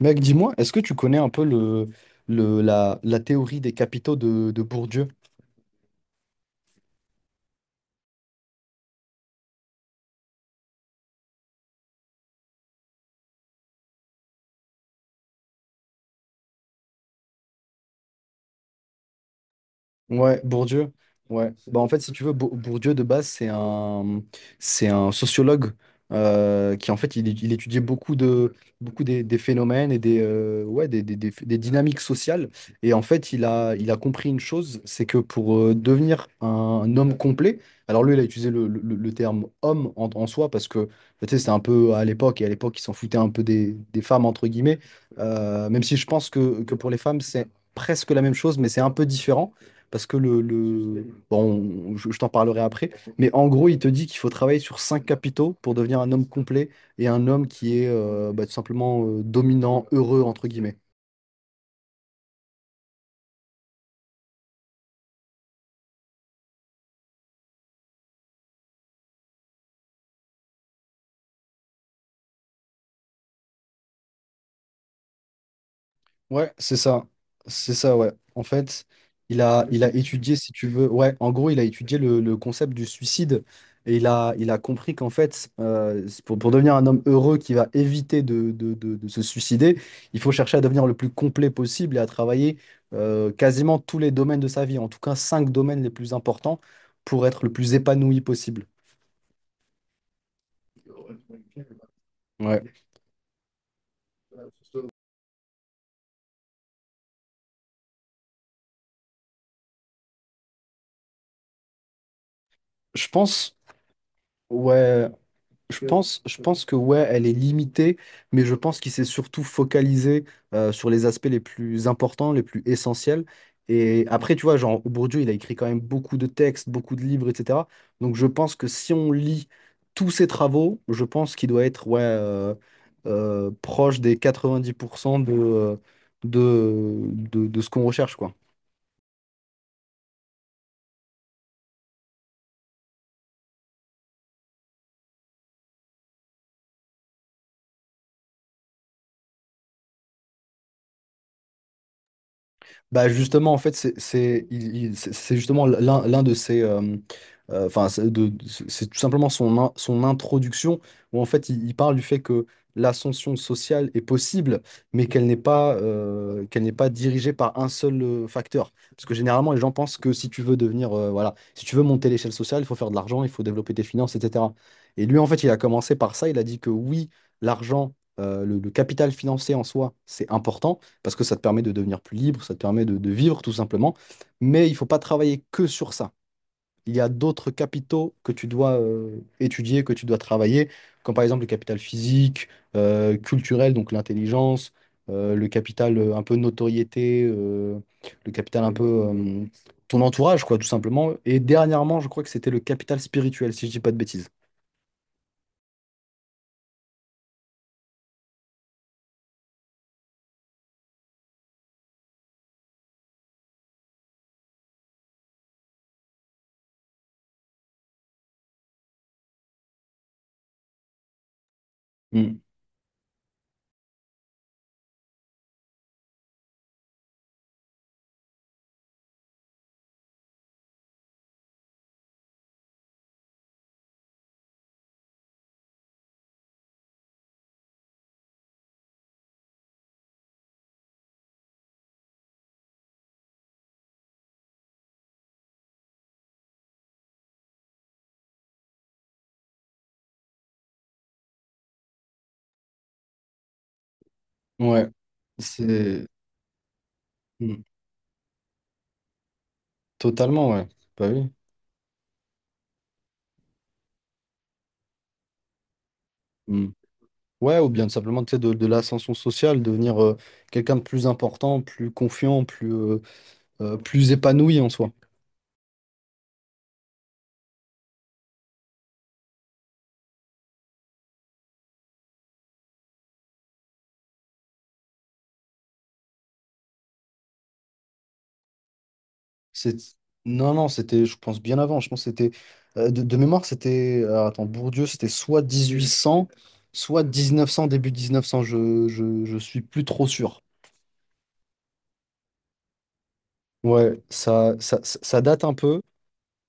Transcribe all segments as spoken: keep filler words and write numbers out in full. Mec, dis-moi, est-ce que tu connais un peu le, le, la, la théorie des capitaux de, de Bourdieu? Ouais, Bourdieu. Ouais. Bah, en fait, si tu veux, Bour- Bourdieu, de base, c'est un, c'est un sociologue, euh, qui, en fait, il, il étudiait beaucoup de, beaucoup des, des phénomènes et des, euh, ouais, des, des, des- des dynamiques sociales. Et en fait, il a, il a compris une chose, c'est que pour euh, devenir un homme complet. Alors lui, il a utilisé le, le- le terme homme en, en soi parce que, bah, tu sais, c'était un peu à l'époque, et à l'époque, il s'en foutait un peu des, des femmes, entre guillemets. Euh, même si je pense que, que pour les femmes, c'est presque la même chose, mais c'est un peu différent parce que le, le- bon, je, je t'en parlerai après. Mais en gros, il te dit qu'il faut travailler sur cinq capitaux pour devenir un homme complet et un homme qui est, euh, bah, tout simplement, euh, dominant, heureux, entre guillemets. Ouais, c'est ça. C'est ça, ouais. En fait, il a, il a étudié, si tu veux, ouais, en gros, il a étudié le, le concept du suicide, et il a, il a compris qu'en fait, euh, c'est pour, pour devenir un homme heureux qui va éviter de, de, de- de se suicider. Il faut chercher à devenir le plus complet possible et à travailler, euh, quasiment tous les domaines de sa vie, en tout cas cinq domaines les plus importants pour être le plus épanoui possible. Ouais. Je pense, ouais, Je pense, je pense que ouais, elle est limitée, mais je pense qu'il s'est surtout focalisé, euh, sur les aspects les plus importants, les plus essentiels. Et après, tu vois, genre, Bourdieu, il a écrit quand même beaucoup de textes, beaucoup de livres, et cetera. Donc je pense que si on lit tous ses travaux, je pense qu'il doit être ouais, euh, euh, proche des quatre-vingt-dix pour cent de, euh, de, de, de ce qu'on recherche, quoi. Bah justement, en fait, c'est c'est- il- il- c'est- c'est justement l'un l'un de ses euh, euh, enfin, c'est de- c'est tout simplement son, in- son introduction où en fait, il, il parle du fait que l'ascension sociale est possible, mais qu'elle n'est pas, euh, qu'elle n'est pas dirigée par un seul, euh, facteur. Parce que généralement, les gens pensent que si tu veux devenir, euh, voilà, si tu veux monter l'échelle sociale, il faut faire de l'argent, il faut développer tes finances, et cetera. Et lui, en fait, il a commencé par ça. Il a dit que oui, l'argent, euh, le le capital financier en soi, c'est important parce que ça te permet de devenir plus libre, ça te permet de, de vivre tout simplement. Mais il ne faut pas travailler que sur ça. Il y a d'autres capitaux que tu dois, euh, étudier, que tu dois travailler, comme par exemple le capital physique, euh, culturel, donc l'intelligence, euh, le capital, euh, un peu notoriété, euh, le capital un peu, euh, ton entourage, quoi, tout simplement. Et dernièrement, je crois que c'était le capital spirituel, si je dis pas de bêtises. Mm. Ouais, c'est. Mm. Totalement, ouais. Bah oui. Mm. Ouais, ou bien tout simplement, tu sais, de, de l'ascension sociale, devenir, euh, quelqu'un de plus important, plus confiant, plus, euh, euh, plus épanoui en soi. C'est... Non, non, c'était, je pense, bien avant. Je pense que c'était, euh, de, de mémoire, c'était, alors, attends, Bourdieu, c'était soit dix-huit cents, soit dix-neuf cents, début mille neuf cents. Je, je, je suis plus trop sûr. Ouais, ça, ça, ça ça date un peu.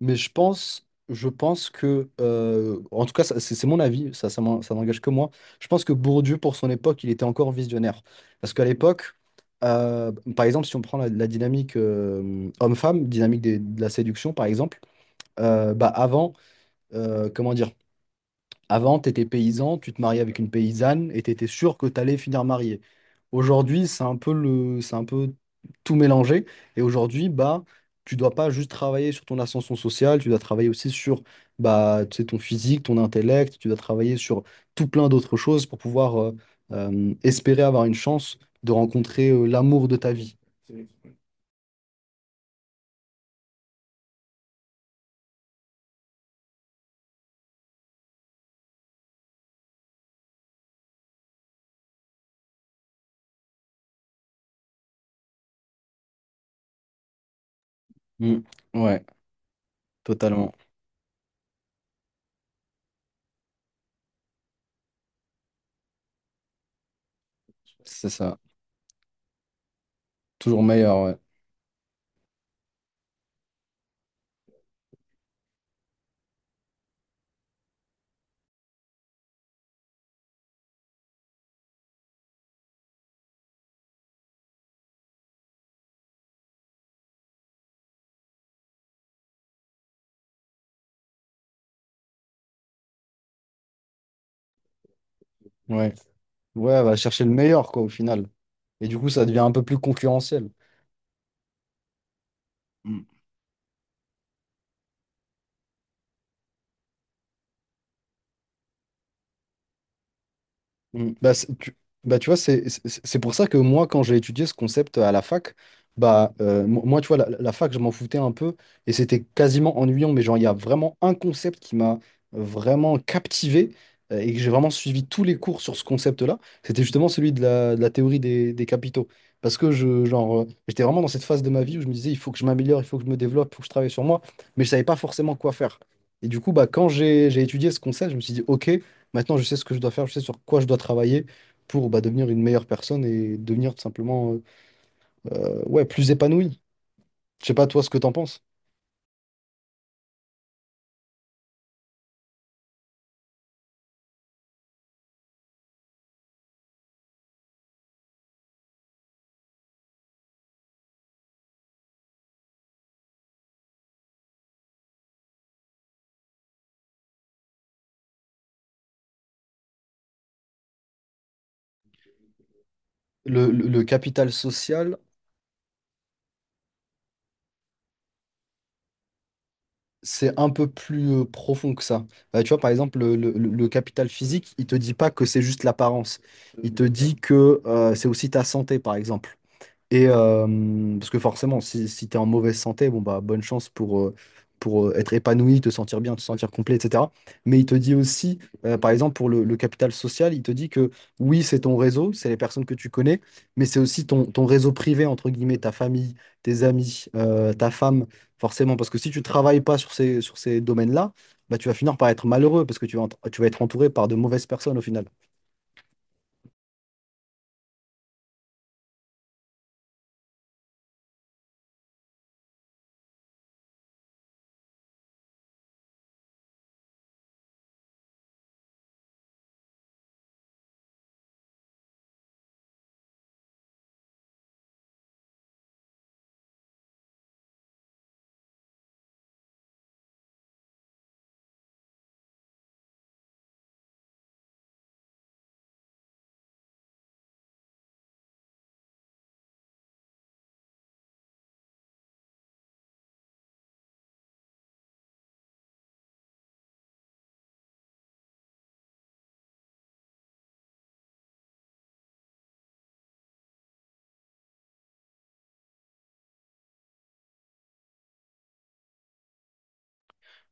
Mais je pense, je pense que, euh, en tout cas, ça- c'est c'est mon avis, ça, ça m'en- ça n'engage que moi. Je pense que Bourdieu, pour son époque, il était encore visionnaire. Parce qu'à l'époque, euh, par exemple, si on prend la, la dynamique, euh, homme-femme, dynamique des- de la séduction, par exemple, euh, bah avant, euh, comment dire, avant, tu étais paysan, tu te mariais avec une paysanne et tu étais sûr que tu allais finir marié. Aujourd'hui, c'est un peu le, c'est un peu tout mélangé. Et aujourd'hui, bah, tu dois pas juste travailler sur ton ascension sociale, tu dois travailler aussi sur, bah, tu sais, ton physique, ton intellect, tu dois travailler sur tout plein d'autres choses pour pouvoir, euh, euh, espérer avoir une chance de rencontrer, euh, l'amour de ta vie. Mm. Ouais, totalement. C'est ça. Toujours meilleur, ouais. Ouais. Ouais, elle va chercher le meilleur, quoi, au final. Et du coup, ça devient un peu plus concurrentiel. Mm. Bah, c'est- tu, bah, tu vois, c'est c'est- c'est pour ça que moi, quand j'ai étudié ce concept à la fac, bah, euh, mo- moi, tu vois, la, la fac, je m'en foutais un peu et c'était quasiment ennuyant, mais genre, il y a vraiment un concept qui m'a, euh, vraiment captivé, euh, et que j'ai vraiment suivi tous les cours sur ce concept-là. C'était justement celui de la, de la théorie des, des capitaux. Parce que je, genre, euh, j'étais vraiment dans cette phase de ma vie où je me disais, il faut que je m'améliore, il faut que je me développe, il faut que je travaille sur moi, mais je savais pas forcément quoi faire. Et du coup, bah, quand j'ai j'ai étudié ce concept, je me suis dit, OK. Maintenant, je sais ce que je dois faire, je sais sur quoi je dois travailler pour, bah, devenir une meilleure personne et devenir tout simplement, euh, euh, ouais, plus épanoui. Je sais pas toi ce que t'en penses. Le, le- le capital social, c'est un peu plus, euh, profond que ça. Bah, tu vois, par exemple, le, le- le capital physique, il te dit pas que c'est juste l'apparence. Il te dit que, euh, c'est aussi ta santé, par exemple. Et euh, parce que forcément, si, si tu es en mauvaise santé, bon bah bonne chance pour, euh, pour euh, être épanoui, te sentir bien, te sentir complet, et cetera. Mais il te dit aussi, euh, par exemple, pour le, le capital social, il te dit que oui, c'est ton réseau, c'est les personnes que tu connais, mais c'est aussi ton, ton réseau privé, entre guillemets, ta famille, tes amis, euh, ta femme, forcément. Parce que si tu travailles pas sur ces, sur ces domaines-là, bah, tu vas finir par être malheureux parce que tu vas, ent- tu vas être entouré par de mauvaises personnes au final.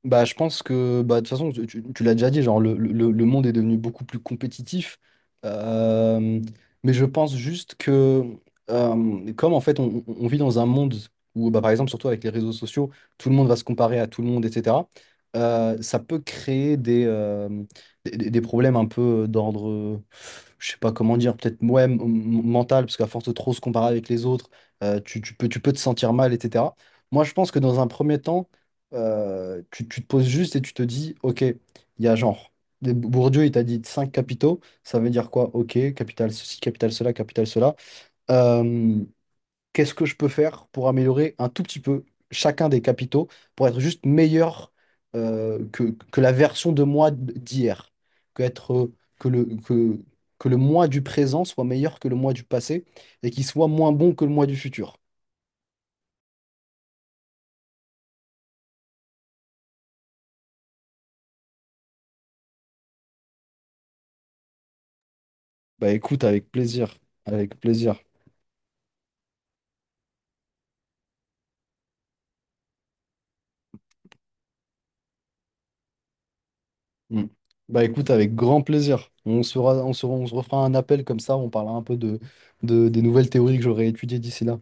Bah, je pense que bah, de toute façon, tu, tu- tu l'as déjà dit, genre, le, le- le monde est devenu beaucoup plus compétitif. Euh, mais je pense juste que, euh, comme en fait, on, on vit dans un monde où, bah, par exemple, surtout avec les réseaux sociaux, tout le monde va se comparer à tout le monde, et cetera euh, Ça peut créer des, euh, des, des- des problèmes un peu d'ordre, euh, je sais pas comment dire, peut-être ouais, m- m- mental, parce qu'à force de trop se comparer avec les autres, euh, tu, tu peux, tu peux te sentir mal, et cetera. Moi, je pense que dans un premier temps, euh, tu, tu te poses juste et tu te dis, ok, il y a genre, des- Bourdieu, il t'a dit cinq capitaux, ça veut dire quoi? Ok, capital ceci, capital cela, capital cela. Euh, Qu'est-ce que je peux faire pour améliorer un tout petit peu chacun des capitaux pour être juste meilleur, euh, que, que la version de moi d'hier? Que être, que le, que, que le moi du présent soit meilleur que le moi du passé et qu'il soit moins bon que le moi du futur. Bah écoute, avec plaisir, avec plaisir. Mm. Bah écoute, avec grand plaisir. On sera, on se, on se refera un appel comme ça, on parlera un peu de, de- des nouvelles théories que j'aurai étudiées d'ici là.